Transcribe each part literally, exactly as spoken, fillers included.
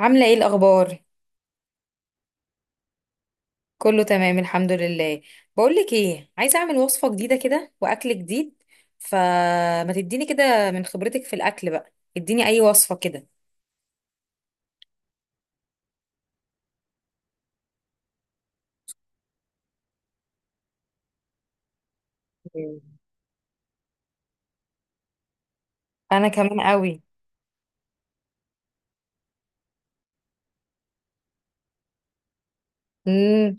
عاملة ايه الأخبار؟ كله تمام، الحمد لله. بقولك ايه، عايزة أعمل وصفة جديدة كده وأكل جديد، فما تديني كده من خبرتك في الأكل بقى، اديني أي وصفة كده. مم. أنا كمان قوي. امم.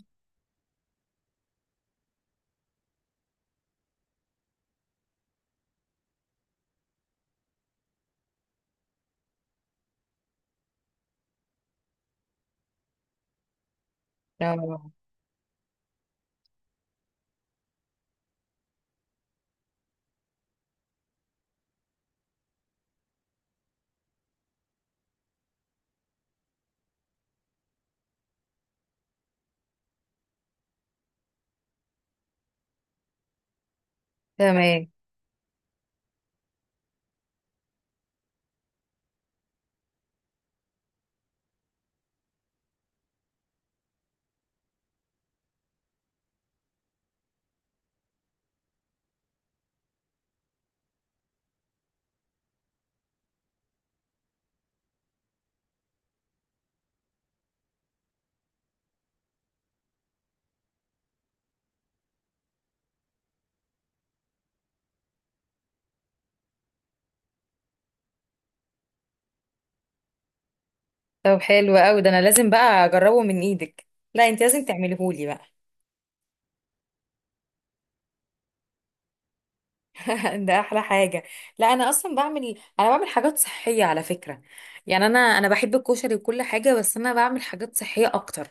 آه، تمام. طب حلو قوي ده، أنا لازم بقى أجربه من إيدك، لا أنت لازم تعمليهولي بقى. ده احلى حاجه. لا، انا اصلا بعمل، انا بعمل حاجات صحيه على فكره. يعني انا انا بحب الكشري وكل حاجه، بس انا بعمل حاجات صحيه اكتر.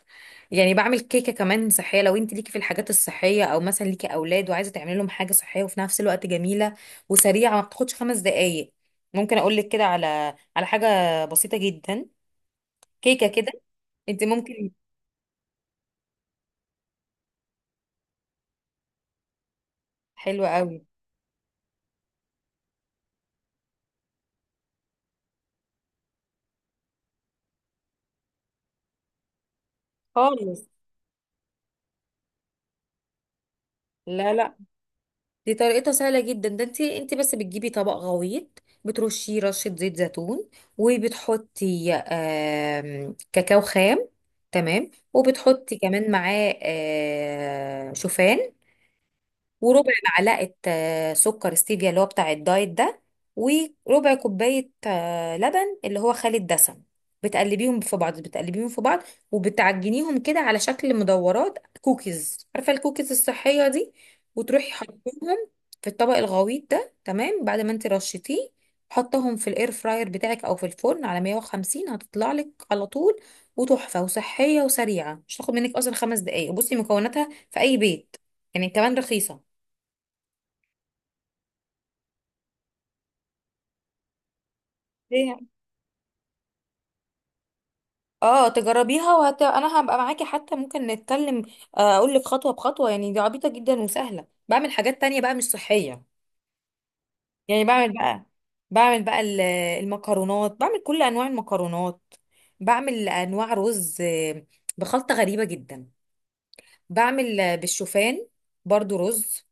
يعني بعمل كيكه كمان صحيه لو انت ليكي في الحاجات الصحيه، او مثلا ليكي اولاد وعايزه تعملي لهم حاجه صحيه وفي نفس الوقت جميله وسريعه ما بتاخدش خمس دقائق. ممكن اقول لك كده على على حاجه بسيطه جدا، كيكه كده. انت ممكن. حلوه قوي. خالص. لا لا، دي طريقتها سهلة جدا. ده انت انت بس بتجيبي طبق غويط، بترشيه رشة زيت زيتون، وبتحطي آم، كاكاو خام، تمام. وبتحطي كمان معاه آه، شوفان، وربع معلقة آه، سكر ستيفيا اللي هو بتاع الدايت ده، وربع كوباية آه، لبن اللي هو خالي الدسم. بتقلبيهم في بعض بتقلبيهم في بعض، وبتعجنيهم كده على شكل مدورات كوكيز، عارفة الكوكيز الصحية دي، وتروحي حطيهم في الطبق الغويط ده، تمام، بعد ما انت رشيتيه. حطهم في الاير فراير بتاعك او في الفرن على مية وخمسين، هتطلع لك على طول، وتحفة وصحية وسريعة، مش هتاخد منك اصلا خمس دقايق. بصي مكوناتها في اي بيت، يعني كمان رخيصة. ليه؟ اه تجربيها وهت... انا هبقى معاكي، حتى ممكن نتكلم، آه، اقول لك خطوه بخطوه، يعني دي عبيطه جدا وسهله. بعمل حاجات تانية بقى مش صحيه. يعني بعمل بقى بعمل بقى ال- المكرونات، بعمل كل انواع المكرونات، بعمل انواع رز آه، بخلطه غريبه جدا. بعمل آه، بالشوفان، برضو رز،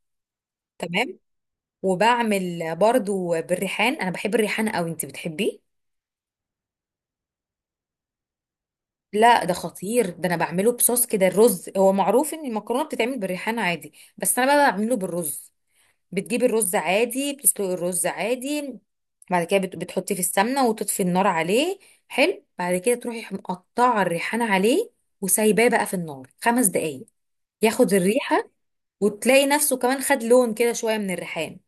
تمام. وبعمل برضو بالريحان، انا بحب الريحان قوي، انت بتحبيه؟ لا ده خطير، ده انا بعمله بصوص كده. الرز هو معروف ان المكرونه بتتعمل بالريحان عادي، بس انا بقى بعمله بالرز. بتجيبي الرز عادي، بتسلقي الرز عادي، بعد كده بت- بتحطيه في السمنه وتطفي النار عليه. حلو، بعد كده تروحي مقطعه الريحان عليه، وسايباه بقى في النار خمس دقايق، ياخد الريحه. وتلاقي نفسه كمان خد لون كده شويه من الريحان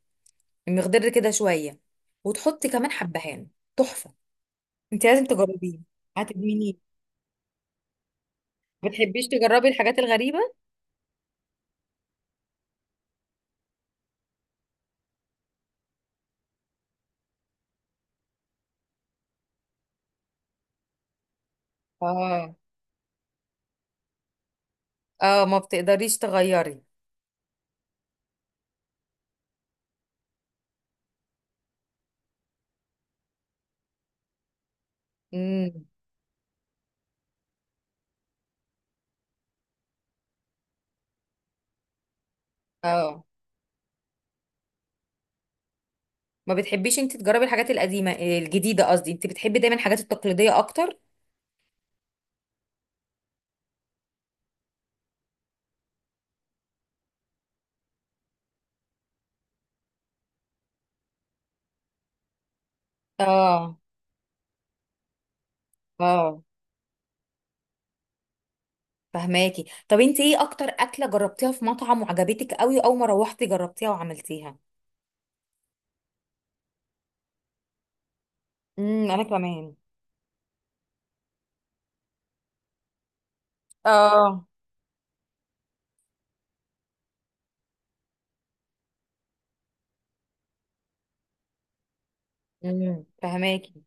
المخضر كده شويه، وتحطي كمان حبهان. تحفه. انت لازم تجربيه، هتدمنيه. ما بتحبيش تجربي الحاجات الغريبه؟ اه اه، ما بتقدريش تغيري. امم. اه، ما بتحبيش انت تجربي الحاجات القديمه الجديده، قصدي انت بتحبي دايما الحاجات التقليديه اكتر. اه اه، فهماكي. طب انت ايه اكتر اكله جربتيها في مطعم وعجبتك قوي اول ما روحتي جربتيها وعملتيها؟ امم انا كمان. اه. امم فهماكي.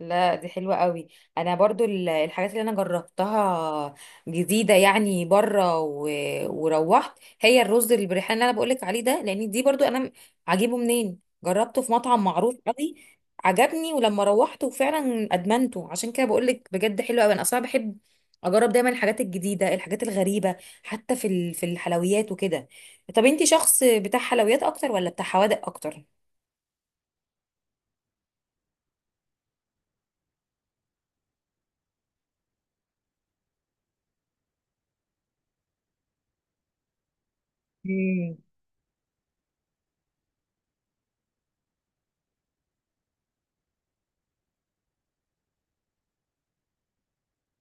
لا دي حلوة قوي. انا برضو ال- الحاجات اللي انا جربتها جديدة يعني بره، و... وروحت، هي الرز بالريحان اللي انا بقولك عليه ده، لان دي برضو انا م- عاجبه منين، جربته في مطعم معروف قوي، عجبني ولما روحت وفعلا ادمنته. عشان كده بقولك بجد حلو قوي، انا اصلا بحب اجرب دايما الحاجات الجديدة، الحاجات الغريبة، حتى في ال... في الحلويات وكده. طب انتي شخص بتاع حلويات اكتر ولا بتاع حوادق اكتر؟ مم.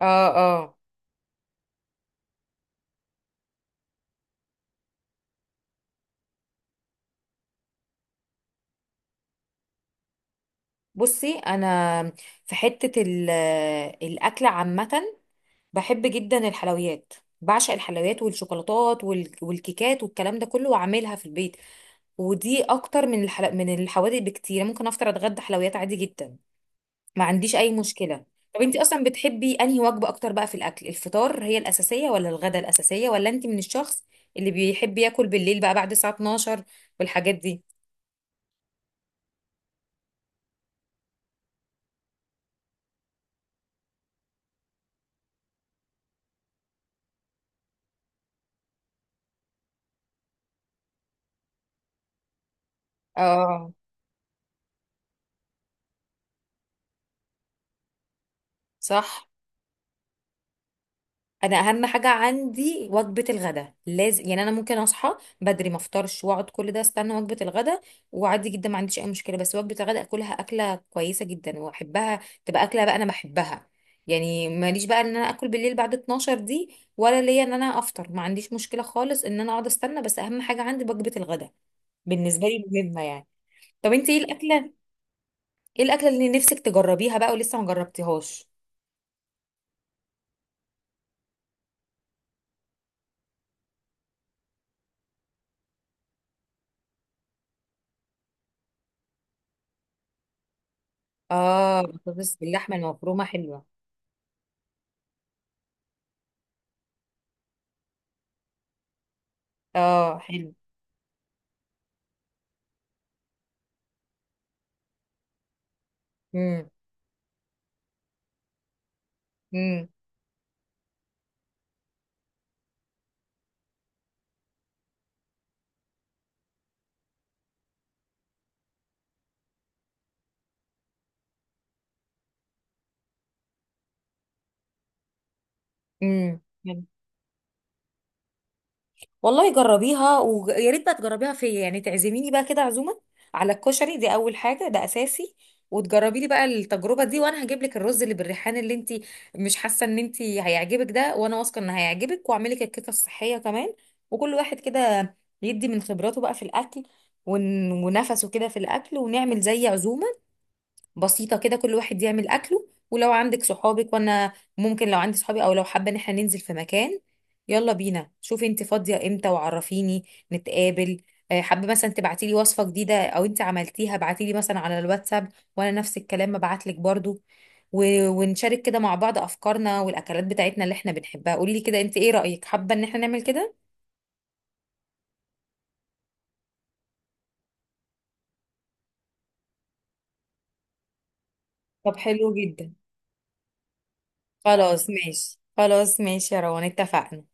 اه اه، بصي انا في حته ال- الاكل عامه، بحب جدا الحلويات، بعشق الحلويات والشوكولاتات وال- والكيكات والكلام ده كله، واعملها في البيت، ودي اكتر من الحل... من الحوادق بكتير. ممكن افطر اتغدى حلويات عادي جدا، ما عنديش اي مشكله. طب انتي اصلا بتحبي انهي وجبه اكتر بقى في الاكل؟ الفطار هي الاساسيه ولا الغدا الاساسيه ولا انتي من الشخص اللي بيحب ياكل بالليل بقى بعد الساعه اتناشر والحاجات دي؟ اه، صح، انا اهم حاجه عندي وجبه الغداء لازم، يعني انا ممكن اصحى بدري ما افطرش واقعد كل ده استنى وجبه الغداء، وعادي جدا ما عنديش اي مشكله. بس وجبه الغداء اكلها اكله كويسه جدا، واحبها، تبقى اكله بقى انا بحبها. يعني ماليش بقى ان انا اكل بالليل بعد اتناشر دي، ولا ليا ان انا افطر، ما عنديش مشكله خالص ان انا اقعد استنى، بس اهم حاجه عندي وجبه الغداء بالنسبه لي مهمه يعني. طب انت ايه الاكله، ايه الاكله اللي نفسك تجربيها بقى ولسه ما جربتيهاش؟ اه بطاطس باللحمه المفرومه حلوه. اه حلو. إمم. امم. امم، والله جربيها، ويا ريت بقى تجربيها فيا، يعني تعزميني بقى كده عزومه على الكشري، دي اول حاجه، ده اساسي. وتجربي لي بقى التجربه دي، وانا هجيب لك الرز اللي بالريحان اللي انت مش حاسه ان انت هيعجبك ده، وانا واثقه ان هيعجبك، واعمل لك الكيكه الصحيه كمان. وكل واحد كده يدي من خبراته بقى في الاكل، ون- ونفسه كده في الاكل، ونعمل زي عزومه بسيطة كده، كل واحد يعمل أكله. ولو عندك صحابك، وأنا ممكن لو عندي صحابي، أو لو حابة إن احنا ننزل في مكان، يلا بينا، شوفي انت فاضية امتى وعرفيني نتقابل. آه، حابة مثلا تبعتيلي وصفة جديدة أو انت عملتيها، ابعتيلي مثلا على الواتساب، وأنا نفس الكلام ببعتلك برضو، و- ونشارك كده مع بعض أفكارنا والأكلات بتاعتنا اللي احنا بنحبها. قوليلي كده انت ايه رأيك، حابة إن احنا نعمل كده؟ طب حلو جدا. خلاص ماشي، خلاص ماشي يا روان، اتفقنا.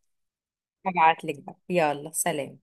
هبعتلك بقى، يلا سلام.